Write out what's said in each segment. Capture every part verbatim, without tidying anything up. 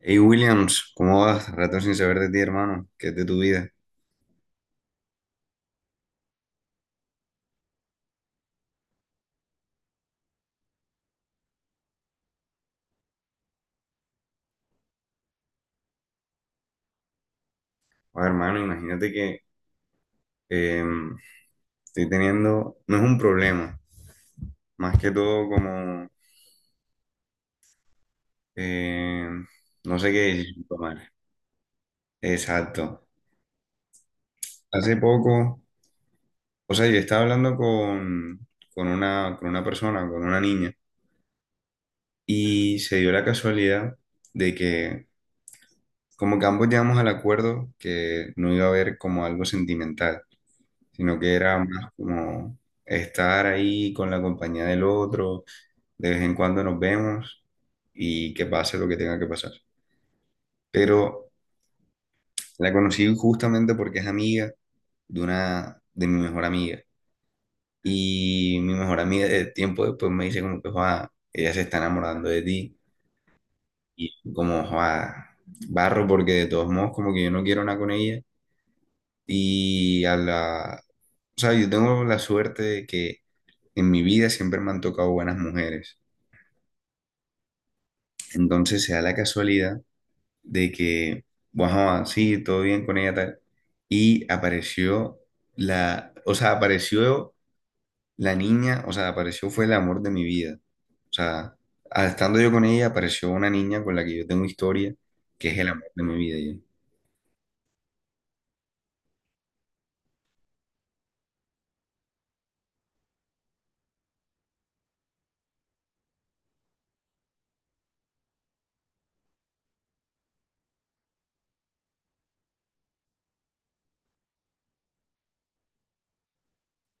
Hey Williams, ¿cómo vas? Rato sin saber de ti, hermano. ¿Qué es de tu vida? Oye, hermano, imagínate que em, estoy teniendo, no es un problema, más que todo como, em, no sé qué decisión tomar. Exacto. Hace poco, o sea, yo estaba hablando con, con una, con una persona, con una niña, y se dio la casualidad de que como que ambos llegamos al acuerdo que no iba a haber como algo sentimental, sino que era más como estar ahí con la compañía del otro, de vez en cuando nos vemos y que pase lo que tenga que pasar. Pero la conocí justamente porque es amiga de una de mi mejor amiga, y mi mejor amiga de tiempo después me dice como que "Joa, ella se está enamorando de ti", y como "Joa, barro porque de todos modos como que yo no quiero nada con ella", y a la o sea, yo tengo la suerte de que en mi vida siempre me han tocado buenas mujeres. Entonces se da la casualidad de que, bueno sí, todo bien con ella, tal. Y apareció la, o sea, apareció la niña, o sea, apareció fue el amor de mi vida. O sea, a- estando yo con ella, apareció una niña con la que yo tengo historia, que es el amor de mi vida. Ya.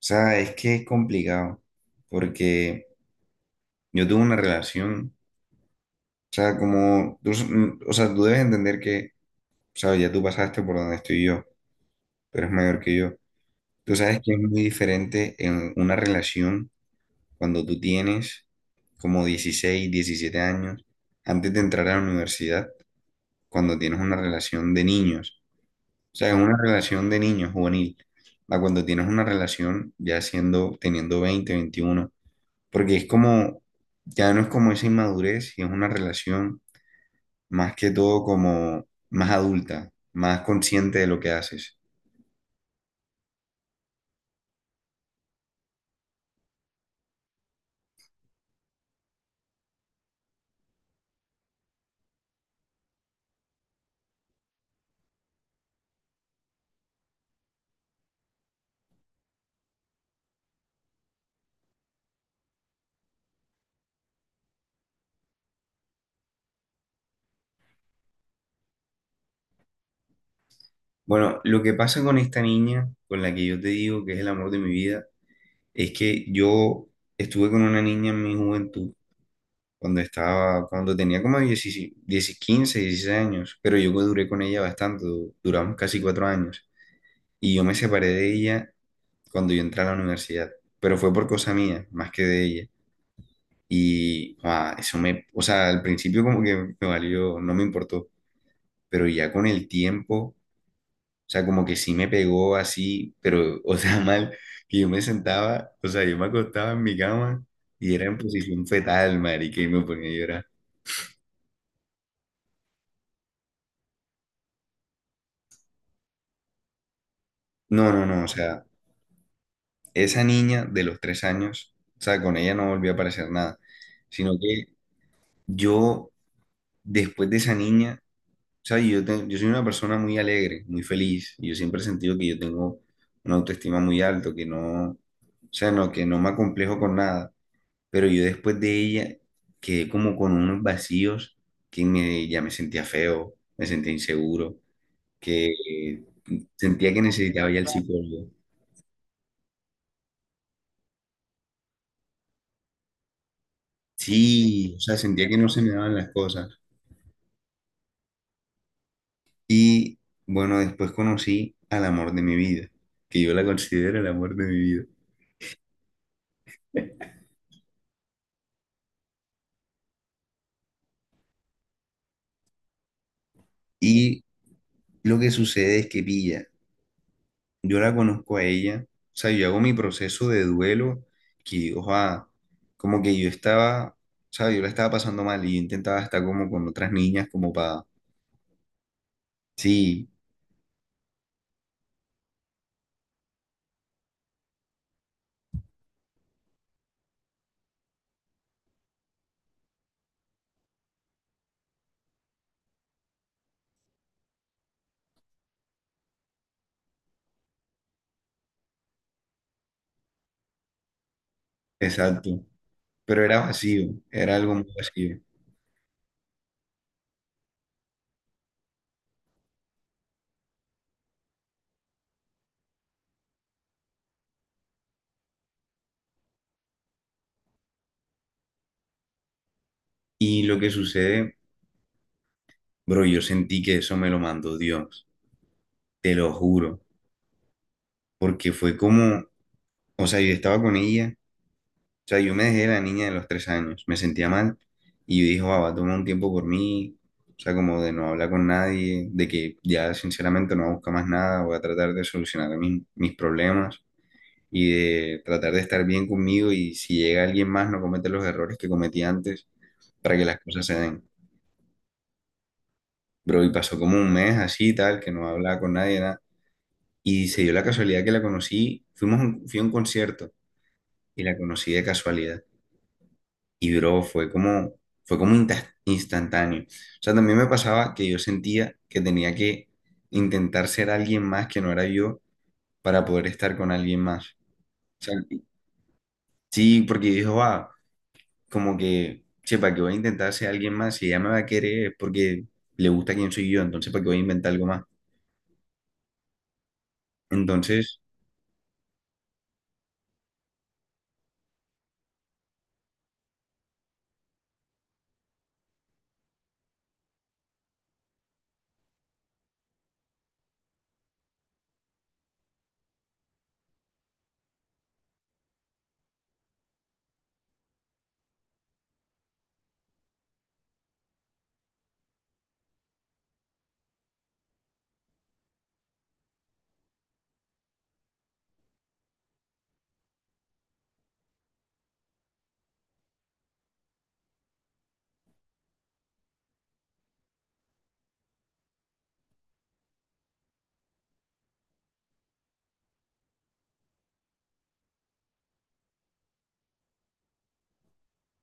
O sea, es que es complicado, porque yo tuve una relación, o sea, como, tú, s- mm, o sea, tú debes entender que, o sea, ya tú pasaste por donde estoy yo, tú eres mayor que yo. Tú sabes que es muy diferente en una relación cuando tú tienes como dieciséis diecisiete años, antes de entrar a la universidad, cuando tienes una relación de niños. O sea, es una relación de niños juvenil, a cuando tienes una relación ya siendo, teniendo veinte veintiuno, porque es como, ya no es como esa inmadurez, y es una relación más que todo como más adulta, más consciente de lo que haces. Bueno, lo que pasa con esta niña, con la que yo te digo que es el amor de mi vida, es que yo estuve con una niña en mi juventud, cuando estaba, cuando tenía como dieciséis diez, quince dieciséis años, pero yo duré con ella bastante, du- duramos casi cuatro años, y yo me separé de ella cuando yo entré a la universidad, pero fue por cosa mía, más que de ella, y ah, eso me, o sea, al principio como que me valió, no me importó, pero ya con el tiempo, o sea, como que sí me pegó así, pero, o sea, mal, que yo me sentaba, o sea, yo me acostaba en mi cama y era en posición fetal, marica, y me ponía a llorar. No, no, no, o sea, esa niña de los tres años, o sea, con ella no volví a aparecer nada, sino que yo, después de esa niña, o sea, yo, te- yo soy una persona muy alegre, muy feliz, y yo siempre he sentido que yo tengo una autoestima muy alto que no, o sea, no, que no me acomplejo con nada. Pero yo después de ella quedé como con unos vacíos que me, ya me sentía feo, me sentía inseguro, que eh, sentía que necesitaba ya el psicólogo. Sí, o sea, sentía que no se me daban las cosas. Y bueno, después conocí al amor de mi vida, que yo la considero el amor de mi vida. Y lo que sucede es que pilla. Yo la conozco a ella, o sea, yo hago mi proceso de duelo, que, o sea, como que yo estaba, o sea, yo la estaba pasando mal y yo intentaba estar como con otras niñas, como para, sí, exacto, pero era vacío, era algo muy vacío. Y lo que sucede, bro, yo sentí que eso me lo mandó Dios, te lo juro, porque fue como, o sea, yo estaba con ella. O sea, yo me dejé la niña de los tres años, me sentía mal y yo dije, "Guau, va a tomar un tiempo por mí, o sea, como de no hablar con nadie, de que ya sinceramente no busca más nada, voy a tratar de solucionar mis, mis problemas y de tratar de estar bien conmigo y si llega alguien más no cometer los errores que cometí antes para que las cosas se den". Bro, y pasó como un mes así, tal, que no hablaba con nadie, nada. Y se dio la casualidad que la conocí, fuimos a un- fui a un concierto y la conocí de casualidad. Y bro, fue como, fue como insta- instantáneo. O sea, también me pasaba que yo sentía que tenía que intentar ser alguien más que no era yo para poder estar con alguien más. O sea, sí, porque dijo, va, como que, che, ¿para qué voy a intentar ser alguien más? Si ella me va a querer es porque le gusta quién soy yo, entonces ¿para qué voy a inventar algo más? Entonces,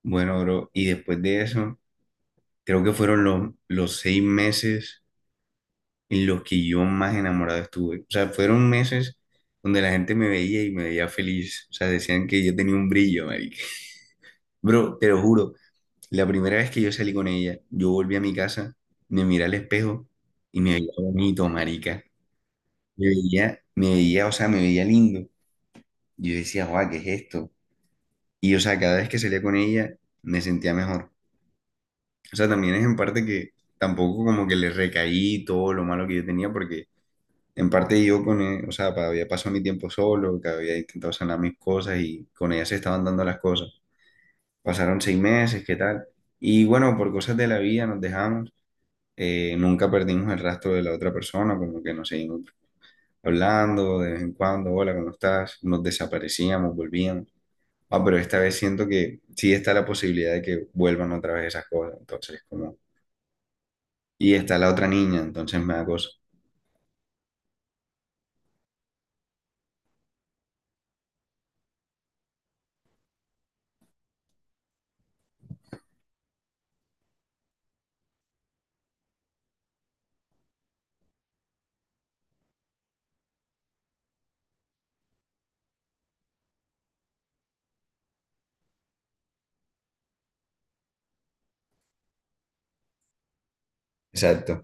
bueno, bro, y después de eso, creo que fueron los, los seis meses en los que yo más enamorado estuve. O sea, fueron meses donde la gente me veía y me veía feliz. O sea, decían que yo tenía un brillo, marica. Bro, te lo juro, la primera vez que yo salí con ella, yo volví a mi casa, me miré al espejo y me veía bonito, marica. Me veía, me veía, o sea, me veía lindo. Yo decía, guau, ¿qué es esto? Y, o sea, cada vez que salía con ella, me sentía mejor. O sea, también es en parte que tampoco como que le recaí todo lo malo que yo tenía, porque en parte yo con e- o sea, pa- había pasado mi tiempo solo, que había intentado sanar mis cosas y con ella se estaban dando las cosas. Pasaron seis meses, ¿qué tal? Y bueno, por cosas de la vida nos dejamos. Eh, nunca perdimos el rastro de la otra persona, como que nos seguimos hablando de vez en cuando, hola, ¿cómo estás? Nos desaparecíamos, volvíamos. Ah, pero esta vez siento que sí está la posibilidad de que vuelvan otra vez esas cosas. Entonces, como... Y está la otra niña, entonces me da cosa. Exacto.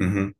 Ujú.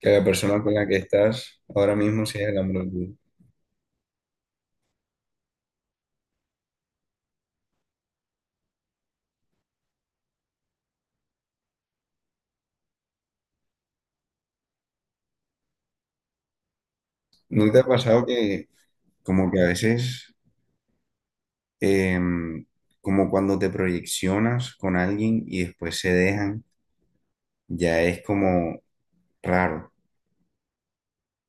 Que la persona con la que estás ahora mismo sea el amor de tu vida. ¿No te ha pasado que como que a veces, em, como cuando te proyeccionas con alguien y después se dejan, ya es como raro,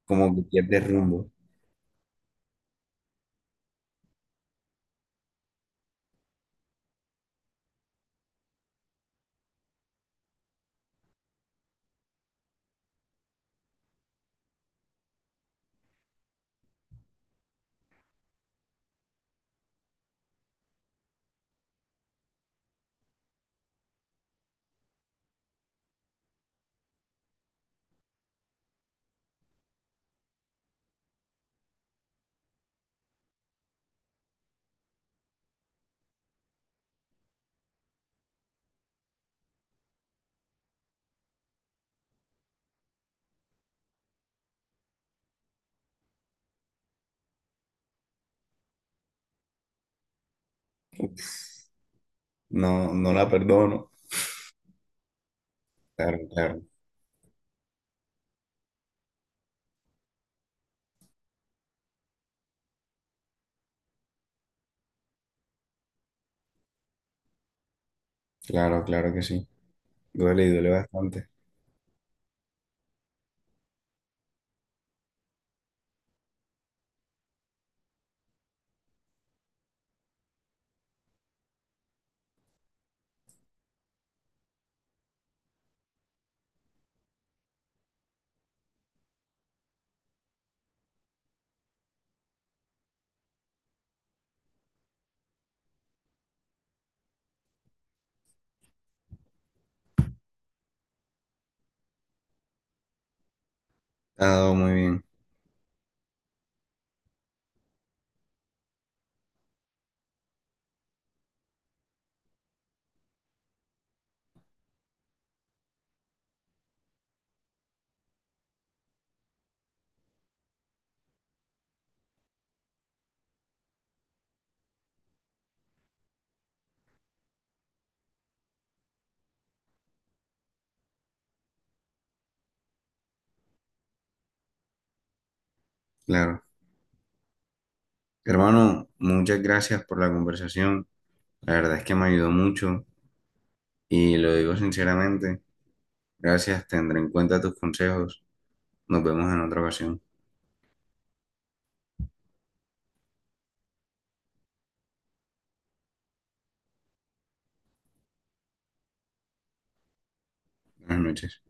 como que pierdes rumbo? No, no la perdono. Claro, claro, claro, claro que sí. Duele y duele bastante. Ha dado muy bien, claro. Hermano, muchas gracias por la conversación. La verdad es que me ayudó mucho y lo digo sinceramente. Gracias, tendré en cuenta tus consejos. Nos vemos en otra ocasión. Buenas noches.